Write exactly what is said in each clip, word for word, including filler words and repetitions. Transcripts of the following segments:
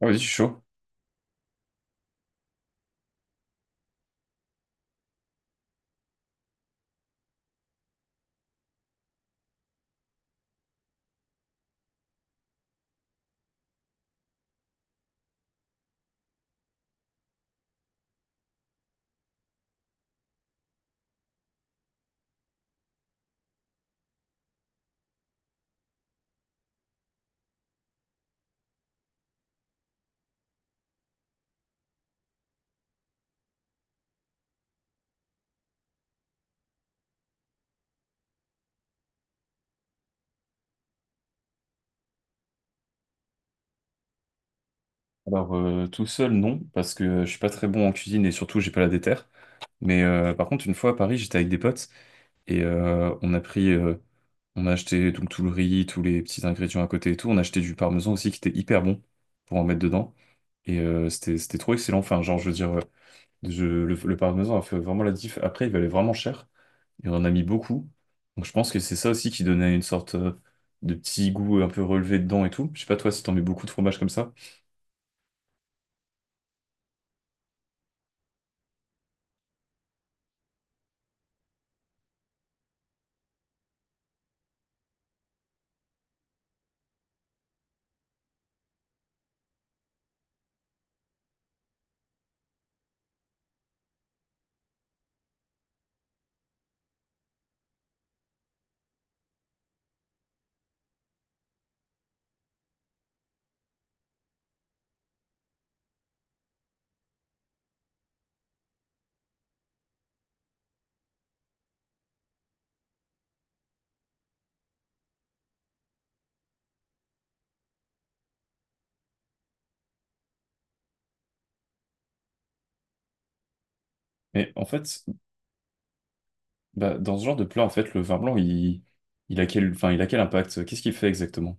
Ah oui, je suis chaud. Alors, euh, tout seul, non, parce que euh, je suis pas très bon en cuisine et surtout, j'ai pas la déterre. Mais euh, par contre, une fois à Paris, j'étais avec des potes et euh, on a pris, euh, on a acheté donc tout le riz, tous les petits ingrédients à côté et tout. On a acheté du parmesan aussi qui était hyper bon pour en mettre dedans. Et euh, c'était, c'était trop excellent. Enfin, genre, je veux dire, euh, je- le, le parmesan a fait vraiment la diff. Après, il valait vraiment cher et on en a mis beaucoup. Donc, je pense que c'est ça aussi qui donnait une sorte euh, de petit goût un peu relevé dedans et tout. Je sais pas toi si t'en mets beaucoup de fromage comme ça. Mais en fait, bah, dans ce genre de plat, en fait, le vin blanc, il, il a quel, enfin, il a quel impact? Qu'est-ce qu'il fait exactement?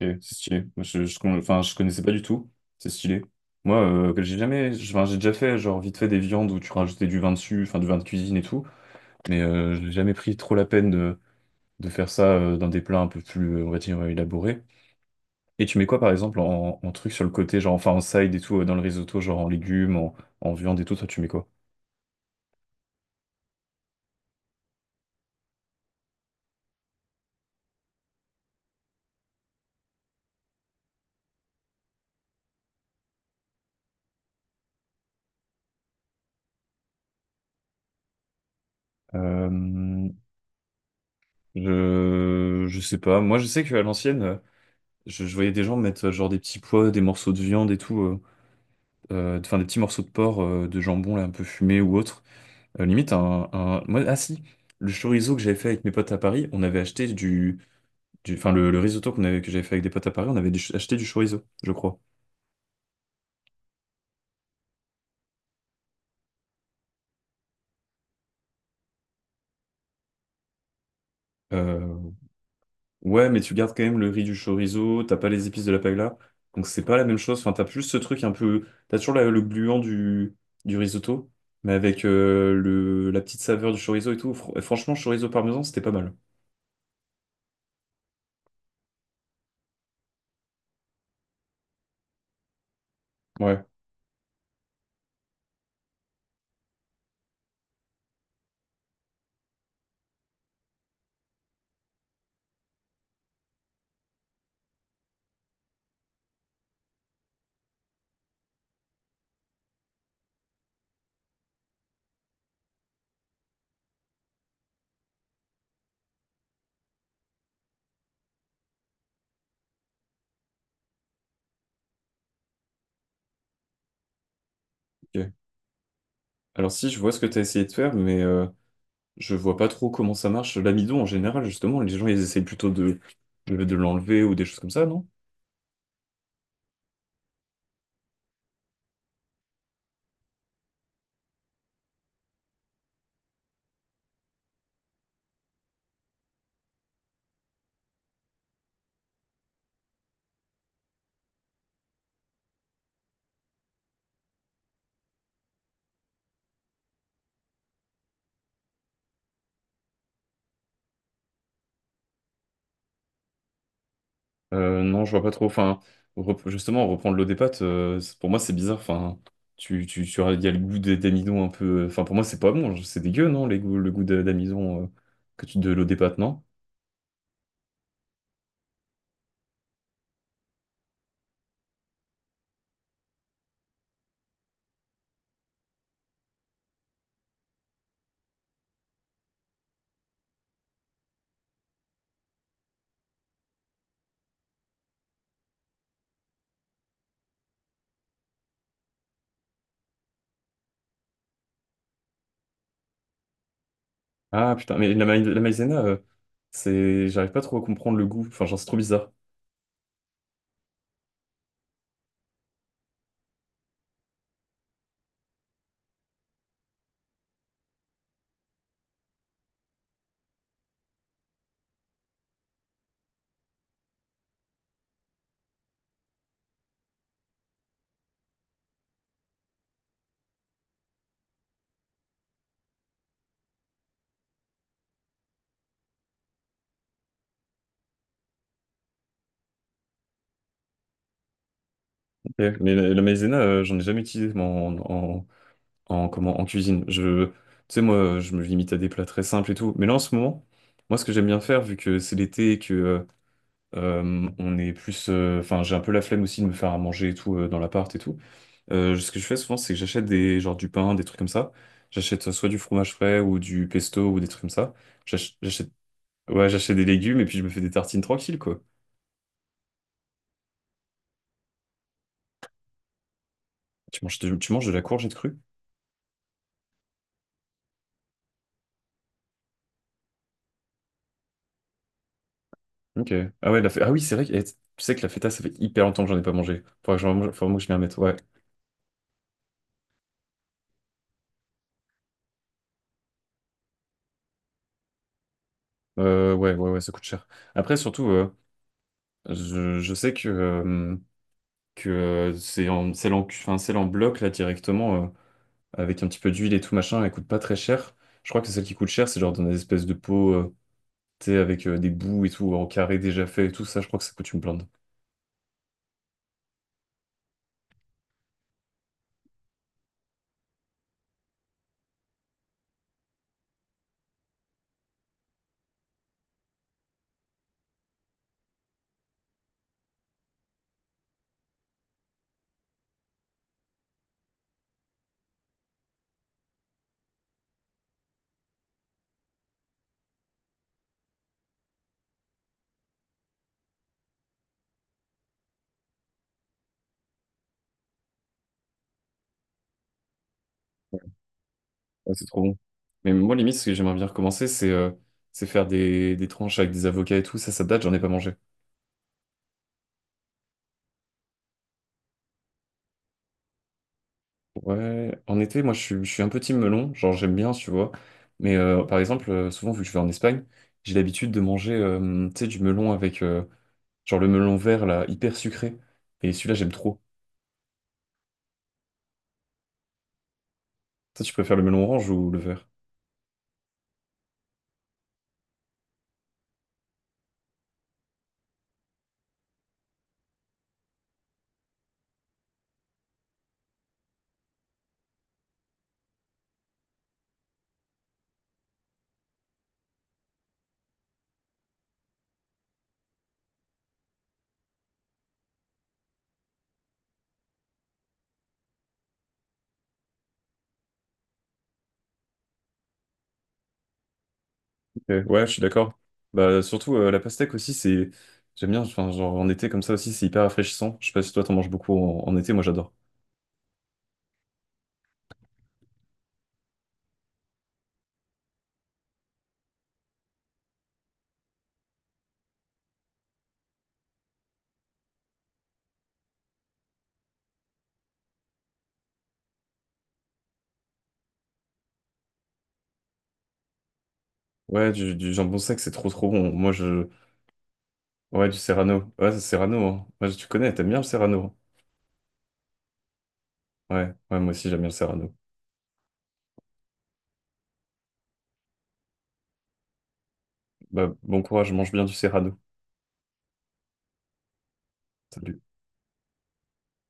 Ok, c'est stylé. Moi, je, je, con- enfin, je connaissais pas du tout. C'est stylé. Moi, euh, que j'ai jamais, je- enfin, j'ai déjà fait, genre, vite fait des viandes où tu rajoutais du vin dessus, enfin, du vin de cuisine et tout. Mais euh, je n'ai jamais pris trop la peine de, de faire ça euh, dans des plats un peu plus, on va dire, euh, élaborés. Et tu mets quoi, par exemple, en, en truc sur le côté, genre, enfin, en side et tout, euh, dans le risotto, genre en légumes, en, en viande et tout, toi, tu mets quoi? Euh, je, je sais pas. Moi, je sais qu'à l'ancienne, euh, je, je voyais des gens mettre euh, genre des petits pois, des morceaux de viande et tout, euh, euh, enfin des petits morceaux de porc, euh, de jambon là, un peu fumé ou autre. Euh, limite, un, un- moi- ah si, le chorizo que j'avais fait avec mes potes à Paris, on avait acheté du... du... Enfin, le, le risotto qu'on avait, que j'avais fait avec des potes à Paris, on avait du- acheté du chorizo, je crois. Euh, Ouais, mais tu gardes quand même le riz du chorizo, t'as pas les épices de la paella, donc c'est pas la même chose. Enfin, t'as plus ce truc un peu... T'as toujours la- le gluant du, du risotto, mais avec euh, le... la petite saveur du chorizo et tout. Fr- Franchement, chorizo parmesan, c'était pas mal. Ouais, ok. Alors si, je vois ce que t'as essayé de faire, mais... euh, je vois pas trop comment ça marche. L'amidon, en général, justement, les gens, ils essayent plutôt de, de, de l'enlever ou des choses comme ça, non? Euh, non, je vois pas trop. Enfin, rep- justement, reprendre l'eau des pâtes, euh, c'est- pour moi, c'est bizarre. Enfin, tu, tu, tu as- il y a le goût des- d'amidon un peu. euh, Enfin, pour moi, c'est pas bon. C'est dégueu, non, les goûts, le goût de- d'amidon euh, que tu de l'eau des pâtes, non? Ah putain, mais la, maï- la maïzena, euh, c'est, j'arrive pas trop à comprendre le goût. Enfin, genre, c'est trop bizarre. Ok. Mais la, la maïzena, euh, j'en ai jamais utilisé moi, en, en, comment, en cuisine. Je, tu sais, moi, je me limite à des plats très simples et tout. Mais là, en ce moment, moi, ce que j'aime bien faire, vu que c'est l'été et que euh, euh, on est plus. euh, Enfin, j'ai un peu la flemme aussi de me faire à manger et tout euh, dans l'appart et tout. Euh, ce que je fais souvent, c'est que j'achète des, genre, du pain, des trucs comme ça. J'achète euh, soit du fromage frais ou du pesto ou des trucs comme ça. J'ach- J'achète, ouais, j'achète des légumes et puis je me fais des tartines tranquilles, quoi. Tu manges, de- tu manges de la courgette crue? Ok. Ah ouais, la feta- ah oui, c'est vrai. que- eh, Tu sais que la feta, ça fait hyper longtemps que j'en ai pas mangé. Faudrait que j'en mange- faudrait vraiment que je m'y remette. Ouais. Euh, ouais, ouais, ouais, ça coûte cher. Après, surtout, euh, je, je sais que, euh, que euh, c'est en, c'est l'en- enfin, c'est l'en bloc, là, directement, euh, avec un petit peu d'huile et tout, machin, elle coûte pas très cher. Je crois que celle qui coûte cher, c'est genre dans des espèces de pots, euh, tu sais, avec euh, des bouts et tout, en carré déjà fait et tout, ça, je crois que ça coûte une blinde. Ouais, c'est trop bon. Mais moi, limite, ce que j'aimerais bien recommencer, c'est euh, c'est faire des, des tranches avec des avocats et tout, ça, ça date, j'en ai pas mangé. Ouais, en été, moi je suis, je suis un peu team melon, genre j'aime bien, tu vois. Mais euh, par exemple, euh, souvent vu que je vais en Espagne, j'ai l'habitude de manger euh, tu sais, du melon avec euh, genre le melon vert là, hyper sucré. Et celui-là, j'aime trop. Toi, tu préfères le melon orange ou le vert? Ok, ouais, je suis d'accord. Bah surtout euh, la pastèque aussi, c'est. J'aime bien, enfin, genre en été comme ça aussi, c'est hyper rafraîchissant. Je sais pas si toi t'en manges beaucoup en, en été, moi j'adore. Ouais, du, du jambon sec, c'est trop trop bon. Moi je. Ouais, du serrano. Ouais, c'est serrano, hein. Ouais, tu connais, t'aimes bien le serrano, hein. Ouais, ouais, moi aussi j'aime bien le Serrano. Bah, bon courage, mange bien du Serrano. Salut.